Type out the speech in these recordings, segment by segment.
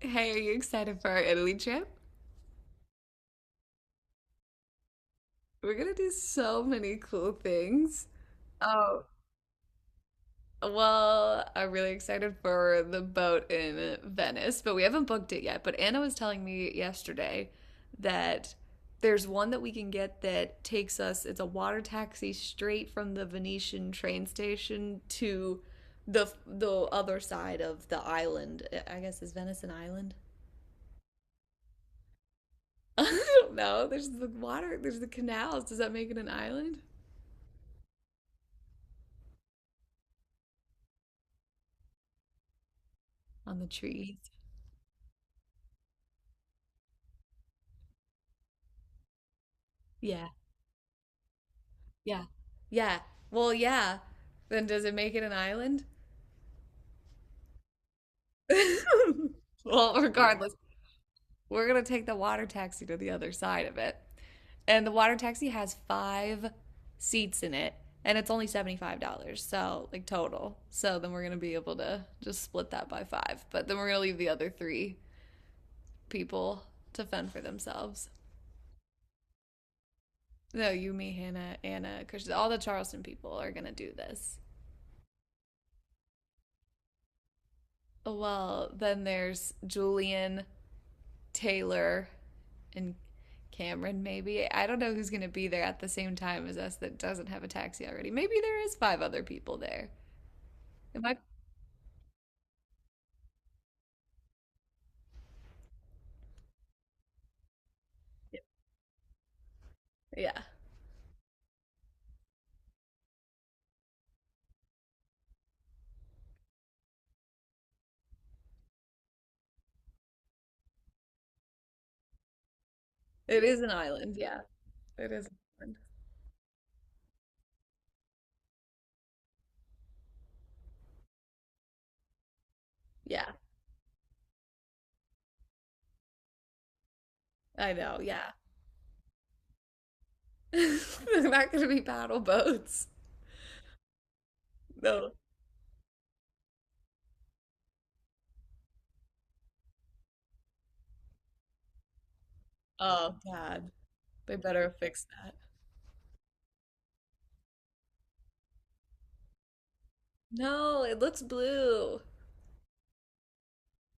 Hey, are you excited for our Italy trip? We're gonna do so many cool things. Oh, well, I'm really excited for the boat in Venice, but we haven't booked it yet. But Anna was telling me yesterday that there's one that we can get that takes us, it's a water taxi straight from the Venetian train station to the other side of the island. I guess is Venice an island? I don't know. There's the water, there's the canals. Does that make it an island? On the trees. Yeah, yeah, yeah. Well, yeah. Then does it make it an island? Well, regardless, we're gonna take the water taxi to the other side of it. And the water taxi has five seats in it, and it's only $75, so like total. So then we're gonna be able to just split that by five. But then we're gonna leave the other three people to fend for themselves. No, you, me, Hannah, Anna, Christian, all the Charleston people are gonna do this. Well, then there's Julian, Taylor, and Cameron, maybe. I don't know who's going to be there at the same time as us that doesn't have a taxi already. Maybe there is five other people there. It might, yeah. It is an island. Yeah. It is an island. Yeah. I know. Yeah. They're not going to be paddle boats. No. Oh, God. They better fix that. No, it looks blue.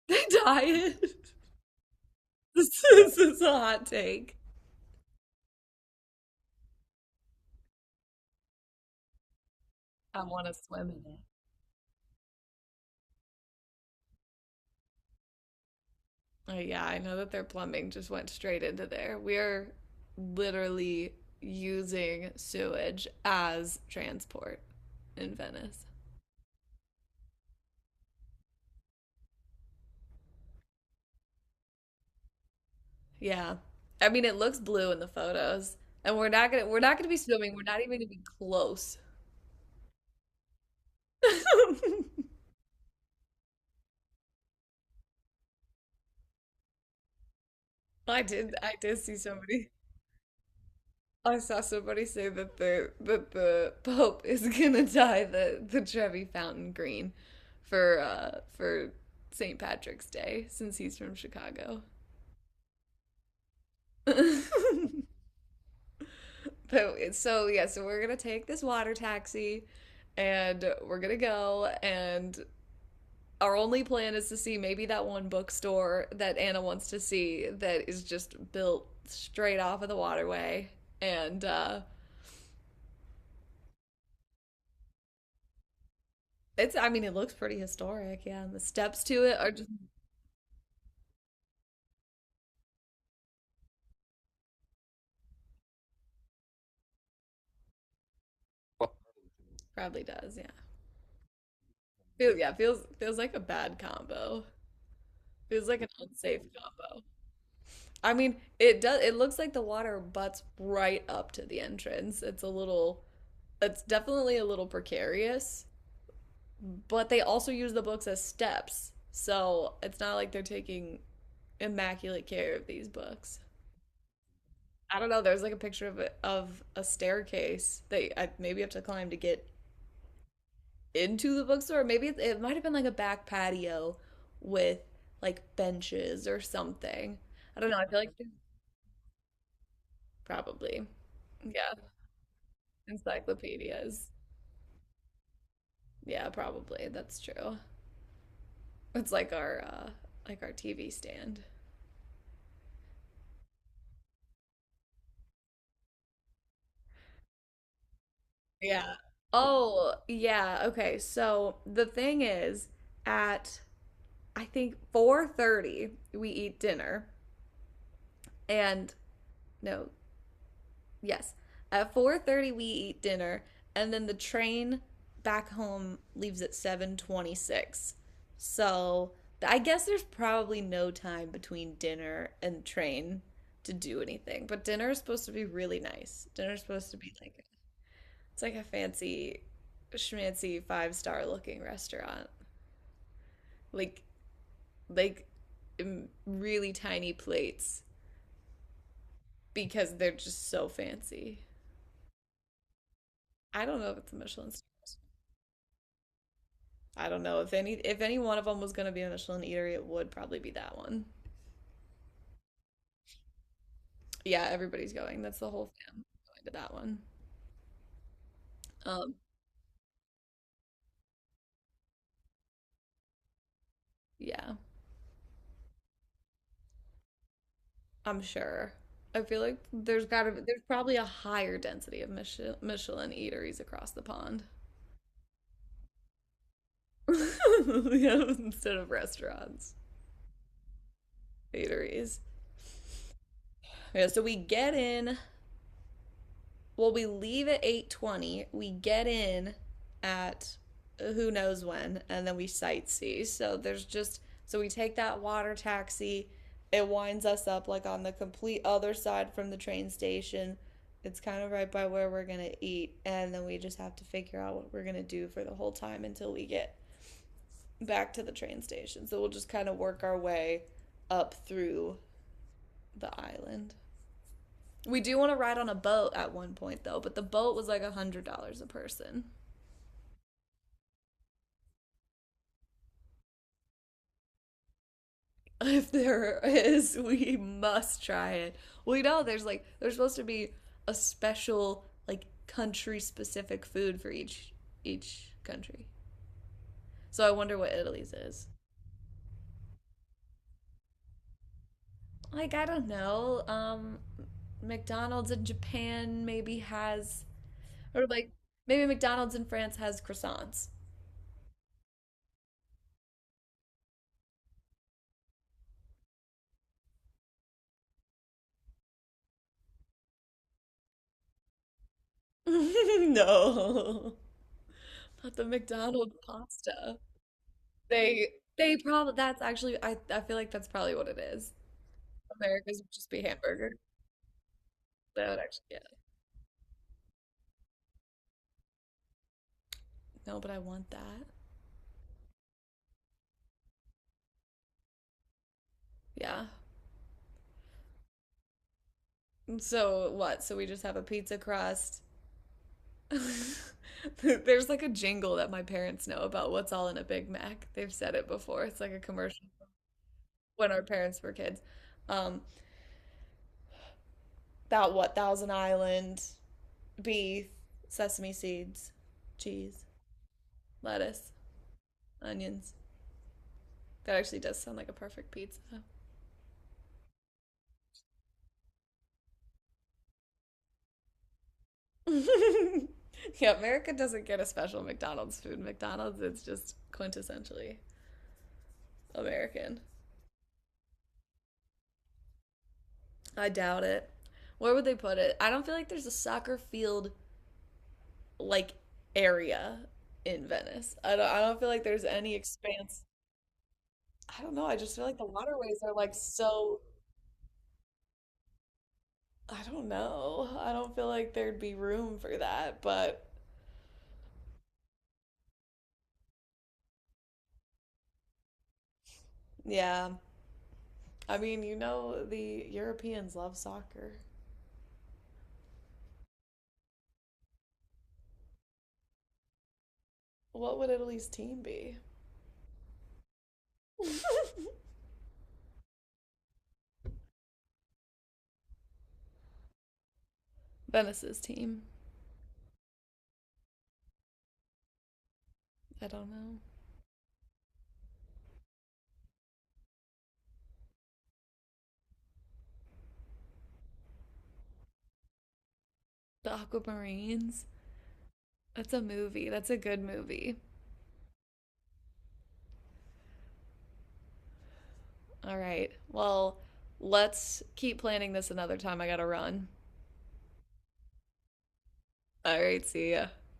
They dye it. This is a hot take. I want to swim in it. Oh, yeah, I know that their plumbing just went straight into there. We're literally using sewage as transport in Venice. Yeah. I mean, it looks blue in the photos, and we're not gonna be swimming. We're not even gonna be close. I did see somebody. I saw somebody say that the Pope is gonna dye the Trevi Fountain green for for St. Patrick's Day since he's from Chicago. But so, yeah, so we're gonna take this water taxi, and we're gonna go. And our only plan is to see maybe that one bookstore that Anna wants to see that is just built straight off of the waterway. And it's, I mean, it looks pretty historic. Yeah, and the steps to it are just probably does. Yeah, feels like a bad combo. Feels like an unsafe combo. I mean, it does. It looks like the water butts right up to the entrance. It's a little. It's definitely a little precarious, but they also use the books as steps, so it's not like they're taking immaculate care of these books. I don't know. There's like a picture of a staircase that I maybe have to climb to get into the bookstore. Maybe it might have been like a back patio with like benches or something. I don't know. I feel like probably yeah encyclopedias. Yeah, probably. That's true. It's like our TV stand. Yeah. Oh, yeah. Okay. So the thing is at I think 4:30 we eat dinner and no, yes. At 4:30 we eat dinner and then the train back home leaves at 7:26. So, I guess there's probably no time between dinner and train to do anything. But dinner is supposed to be really nice. Dinner is supposed to be like it's like a fancy schmancy five-star looking restaurant. Like like Really tiny plates because they're just so fancy. I don't know if it's a Michelin. I don't know if any one of them was gonna be a Michelin eatery, it would probably be that one. Yeah, everybody's going. That's the whole fam going to that one. Um, yeah, I'm sure. I feel like there's gotta there's probably a higher density of Michelin eateries across the pond. Yeah, instead of restaurants, eateries. Yeah, so we get in. Well, we leave at 8:20. We get in at who knows when, and then we sightsee. So there's just so we take that water taxi. It winds us up like on the complete other side from the train station. It's kind of right by where we're going to eat, and then we just have to figure out what we're going to do for the whole time until we get back to the train station. So we'll just kind of work our way up through the island. We do want to ride on a boat at one point though, but the boat was like $100 a person. If there is, we must try it. We know there's like there's supposed to be a special like country specific food for each country. So I wonder what Italy's is. Like I don't know. McDonald's in Japan maybe has or like maybe McDonald's in France has croissants. No. Not the McDonald's pasta. They they probably that's actually I feel like that's probably what it is. America's would just be hamburger. That would actually yeah. No, but I want that. Yeah. So what? So we just have a pizza crust. There's like a jingle that my parents know about what's all in a Big Mac. They've said it before. It's like a commercial when our parents were kids. Um, that what? Thousand Island, beef, sesame seeds, cheese, lettuce, onions. That actually does sound like a perfect pizza. Yeah, America doesn't get a special McDonald's food. McDonald's is just quintessentially American. I doubt it. Where would they put it? I don't feel like there's a soccer field like area in Venice. I don't feel like there's any expanse. I don't know. I just feel like the waterways are like so I don't know. I don't feel like there'd be room for that, but yeah. I mean, you know the Europeans love soccer. What would Italy's team be? Venice's team. I don't know. The Aquamarines. That's a movie. That's a good movie. All right. Well, let's keep planning this another time. I gotta run. All right. See ya.